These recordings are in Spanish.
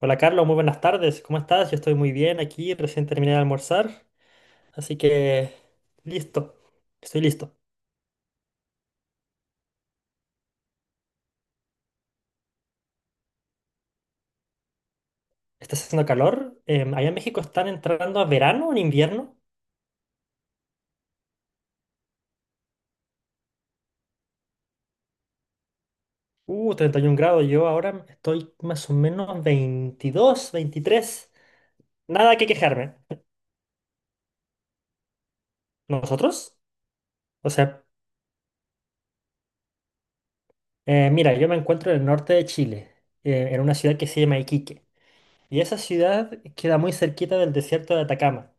Hola Carlos, muy buenas tardes. ¿Cómo estás? Yo estoy muy bien aquí, recién terminé de almorzar, así que listo, estoy listo. Está haciendo calor. Allá en México están entrando a verano o en invierno. 31 grados. Yo ahora estoy más o menos 22, 23. Nada que quejarme. ¿Nosotros? O sea, mira, yo me encuentro en el norte de Chile, en una ciudad que se llama Iquique. Y esa ciudad queda muy cerquita del desierto de Atacama.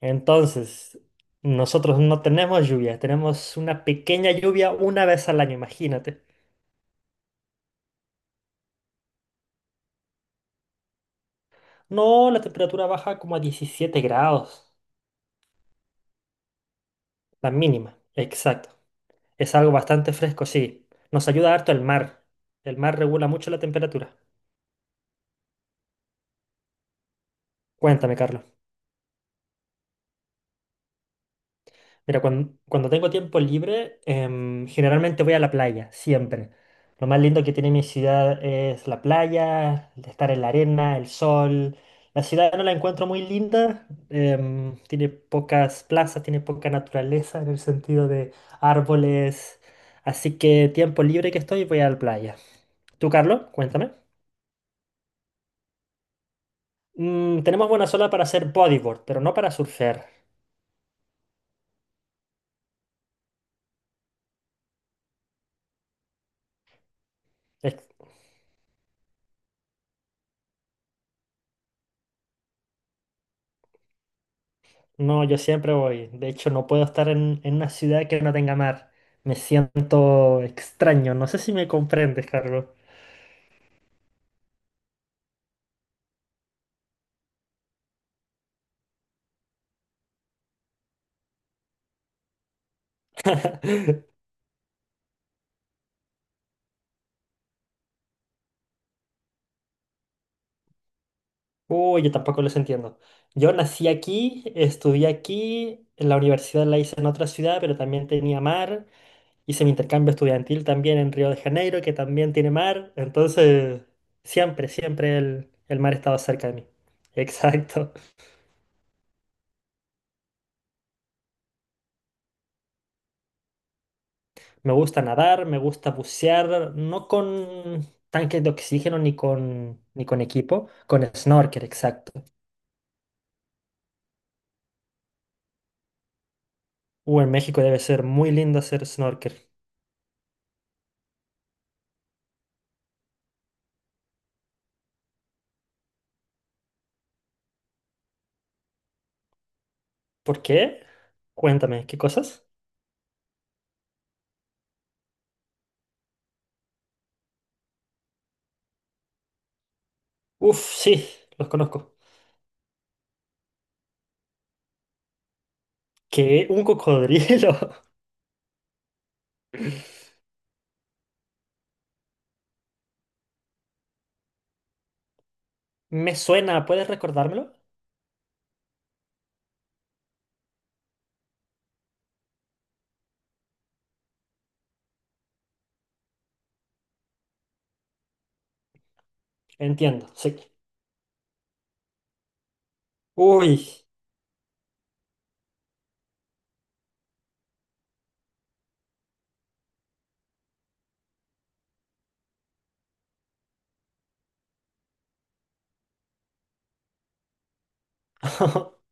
Entonces, nosotros no tenemos lluvia, tenemos una pequeña lluvia una vez al año, imagínate. No, la temperatura baja como a 17 grados, la mínima, exacto. Es algo bastante fresco, sí. Nos ayuda harto el mar. El mar regula mucho la temperatura. Cuéntame, Carlos. Mira, cuando tengo tiempo libre, generalmente voy a la playa, siempre. Lo más lindo que tiene mi ciudad es la playa, el estar en la arena, el sol. La ciudad no la encuentro muy linda, tiene pocas plazas, tiene poca naturaleza en el sentido de árboles. Así que tiempo libre que estoy, voy a la playa. ¿Tú, Carlos? Cuéntame. Mm, tenemos buena sola para hacer bodyboard, pero no para surfear. No, yo siempre voy. De hecho, no puedo estar en una ciudad que no tenga mar. Me siento extraño. No sé si me comprendes, Carlos. Uy, yo tampoco los entiendo. Yo nací aquí, estudié aquí, en la universidad la hice en otra ciudad, pero también tenía mar. Hice mi intercambio estudiantil también en Río de Janeiro, que también tiene mar. Entonces, siempre, siempre el mar estaba cerca de mí. Exacto. Me gusta nadar, me gusta bucear, no con tanques de oxígeno ni con equipo, con snorkel, exacto. En México debe ser muy lindo hacer snorkel. ¿Por qué? Cuéntame, ¿qué cosas? Uf, sí, los conozco. ¿Qué? ¿Un cocodrilo? Me suena, ¿puedes recordármelo? Entiendo, sí. Uy,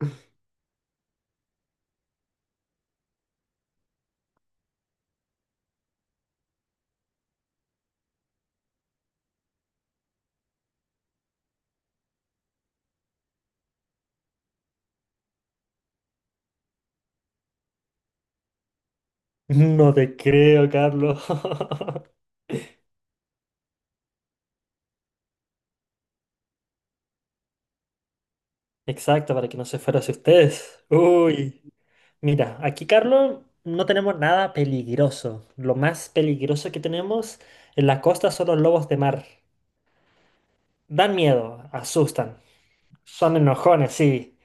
no te creo, Carlos. Exacto, para que no se fuera hacia ustedes. Uy. Mira, aquí, Carlos, no tenemos nada peligroso. Lo más peligroso que tenemos en la costa son los lobos de mar. Dan miedo, asustan. Son enojones, sí.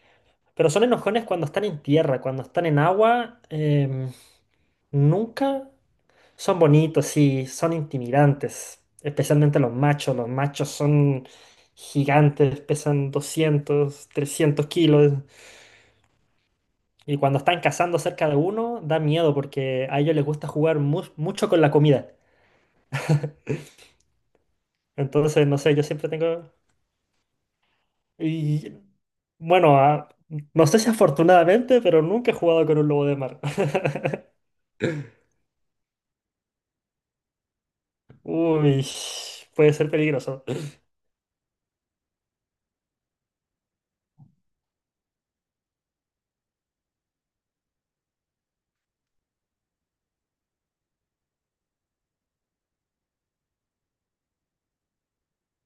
Pero son enojones cuando están en tierra, cuando están en agua. Nunca son bonitos, sí, son intimidantes. Especialmente los machos. Los machos son gigantes, pesan 200, 300 kilos. Y cuando están cazando cerca de uno, da miedo porque a ellos les gusta jugar mucho con la comida. Entonces, no sé, yo siempre tengo... Y bueno, no sé si afortunadamente, pero nunca he jugado con un lobo de mar. Uy, puede ser peligroso.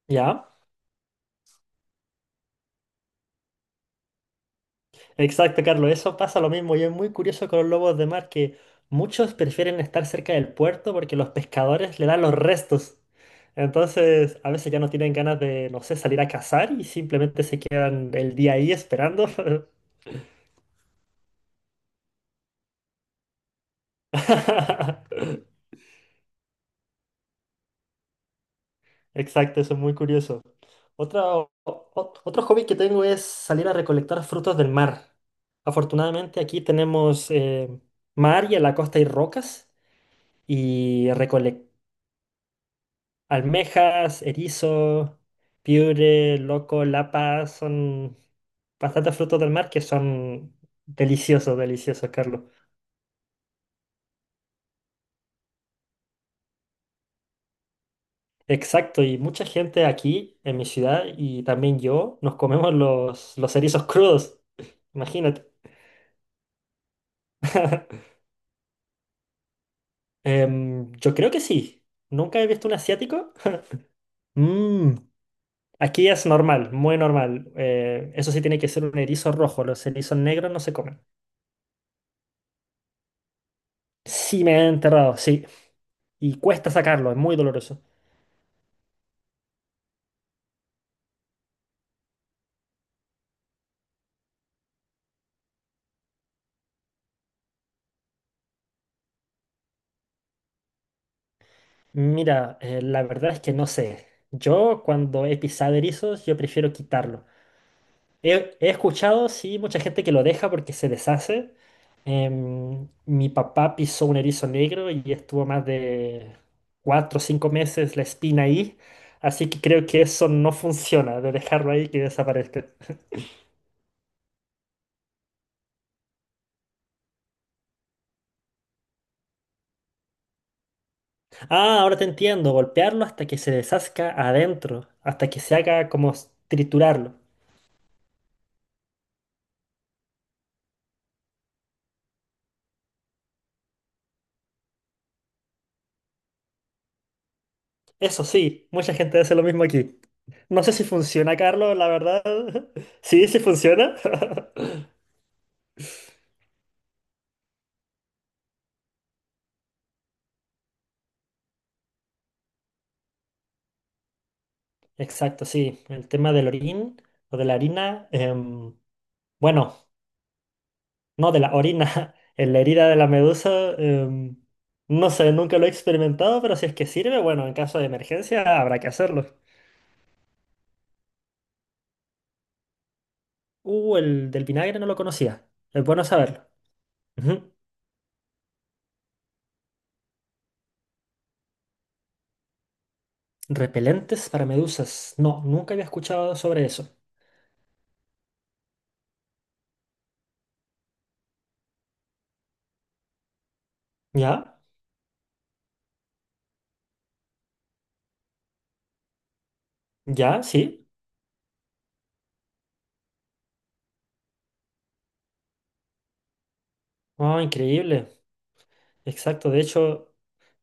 ¿Ya? Exacto, Carlos. Eso pasa lo mismo. Y es muy curioso con los lobos de mar que muchos prefieren estar cerca del puerto porque los pescadores le dan los restos. Entonces, a veces ya no tienen ganas de, no sé, salir a cazar y simplemente se quedan el día ahí esperando. Exacto, eso es muy curioso. Otro hobby que tengo es salir a recolectar frutos del mar. Afortunadamente aquí tenemos mar y en la costa hay rocas y recolectar. Almejas, erizo, piure, loco, lapa, son bastantes frutos del mar que son deliciosos, deliciosos, Carlos. Exacto, y mucha gente aquí en mi ciudad y también yo nos comemos los erizos crudos. Imagínate. Em, yo creo que sí. Nunca he visto un asiático. Mm, aquí es normal, muy normal. Eso sí tiene que ser un erizo rojo. Los erizos negros no se comen. Sí, me he enterrado, sí. Y cuesta sacarlo, es muy doloroso. Mira, la verdad es que no sé. Yo cuando he pisado erizos, yo prefiero quitarlo. He escuchado, sí, mucha gente que lo deja porque se deshace. Em, mi papá pisó un erizo negro y estuvo más de 4 o 5 meses la espina ahí. Así que creo que eso no funciona, de dejarlo ahí que desaparezca. Ah, ahora te entiendo, golpearlo hasta que se deshazca adentro, hasta que se haga como triturarlo. Eso sí, mucha gente hace lo mismo aquí. No sé si funciona, Carlos, la verdad. Sí, sí funciona. Exacto, sí. El tema del orín o de la harina. Bueno, no de la orina. En la herida de la medusa. No sé, nunca lo he experimentado, pero si es que sirve, bueno, en caso de emergencia habrá que hacerlo. El del vinagre no lo conocía. Es bueno saberlo. Ujú. Repelentes para medusas. No, nunca había escuchado sobre eso. ¿Ya? ¿Ya? ¿Sí? Oh, increíble. Exacto. De hecho,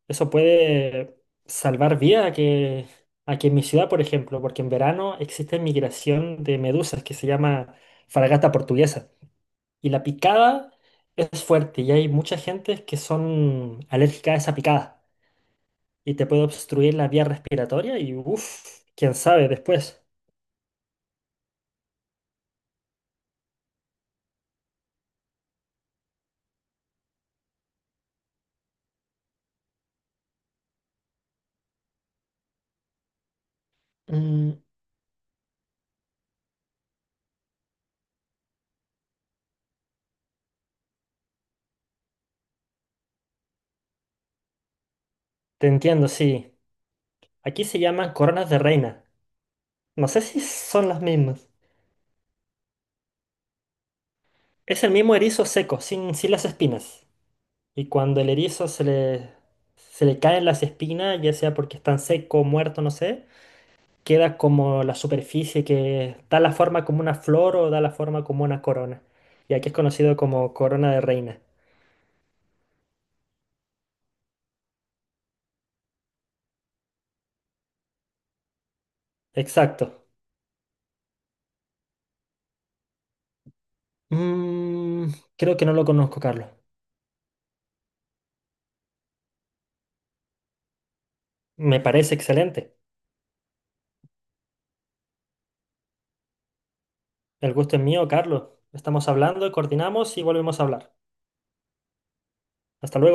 eso puede salvar vida a que en mi ciudad, por ejemplo, porque en verano existe migración de medusas que se llama fragata portuguesa. Y la picada es fuerte y hay mucha gente que son alérgica a esa picada y te puede obstruir la vía respiratoria y uff, quién sabe después. Mm, te entiendo, sí. Aquí se llaman coronas de reina. No sé si son las mismas. Es el mismo erizo seco, sin las espinas. Y cuando el erizo se le caen las espinas, ya sea porque están seco, muerto, no sé, queda como la superficie que da la forma como una flor o da la forma como una corona. Y aquí es conocido como corona de reina. Exacto. Mm, creo que no lo conozco, Carlos. Me parece excelente. El gusto es mío, Carlos. Estamos hablando, coordinamos y volvemos a hablar. Hasta luego.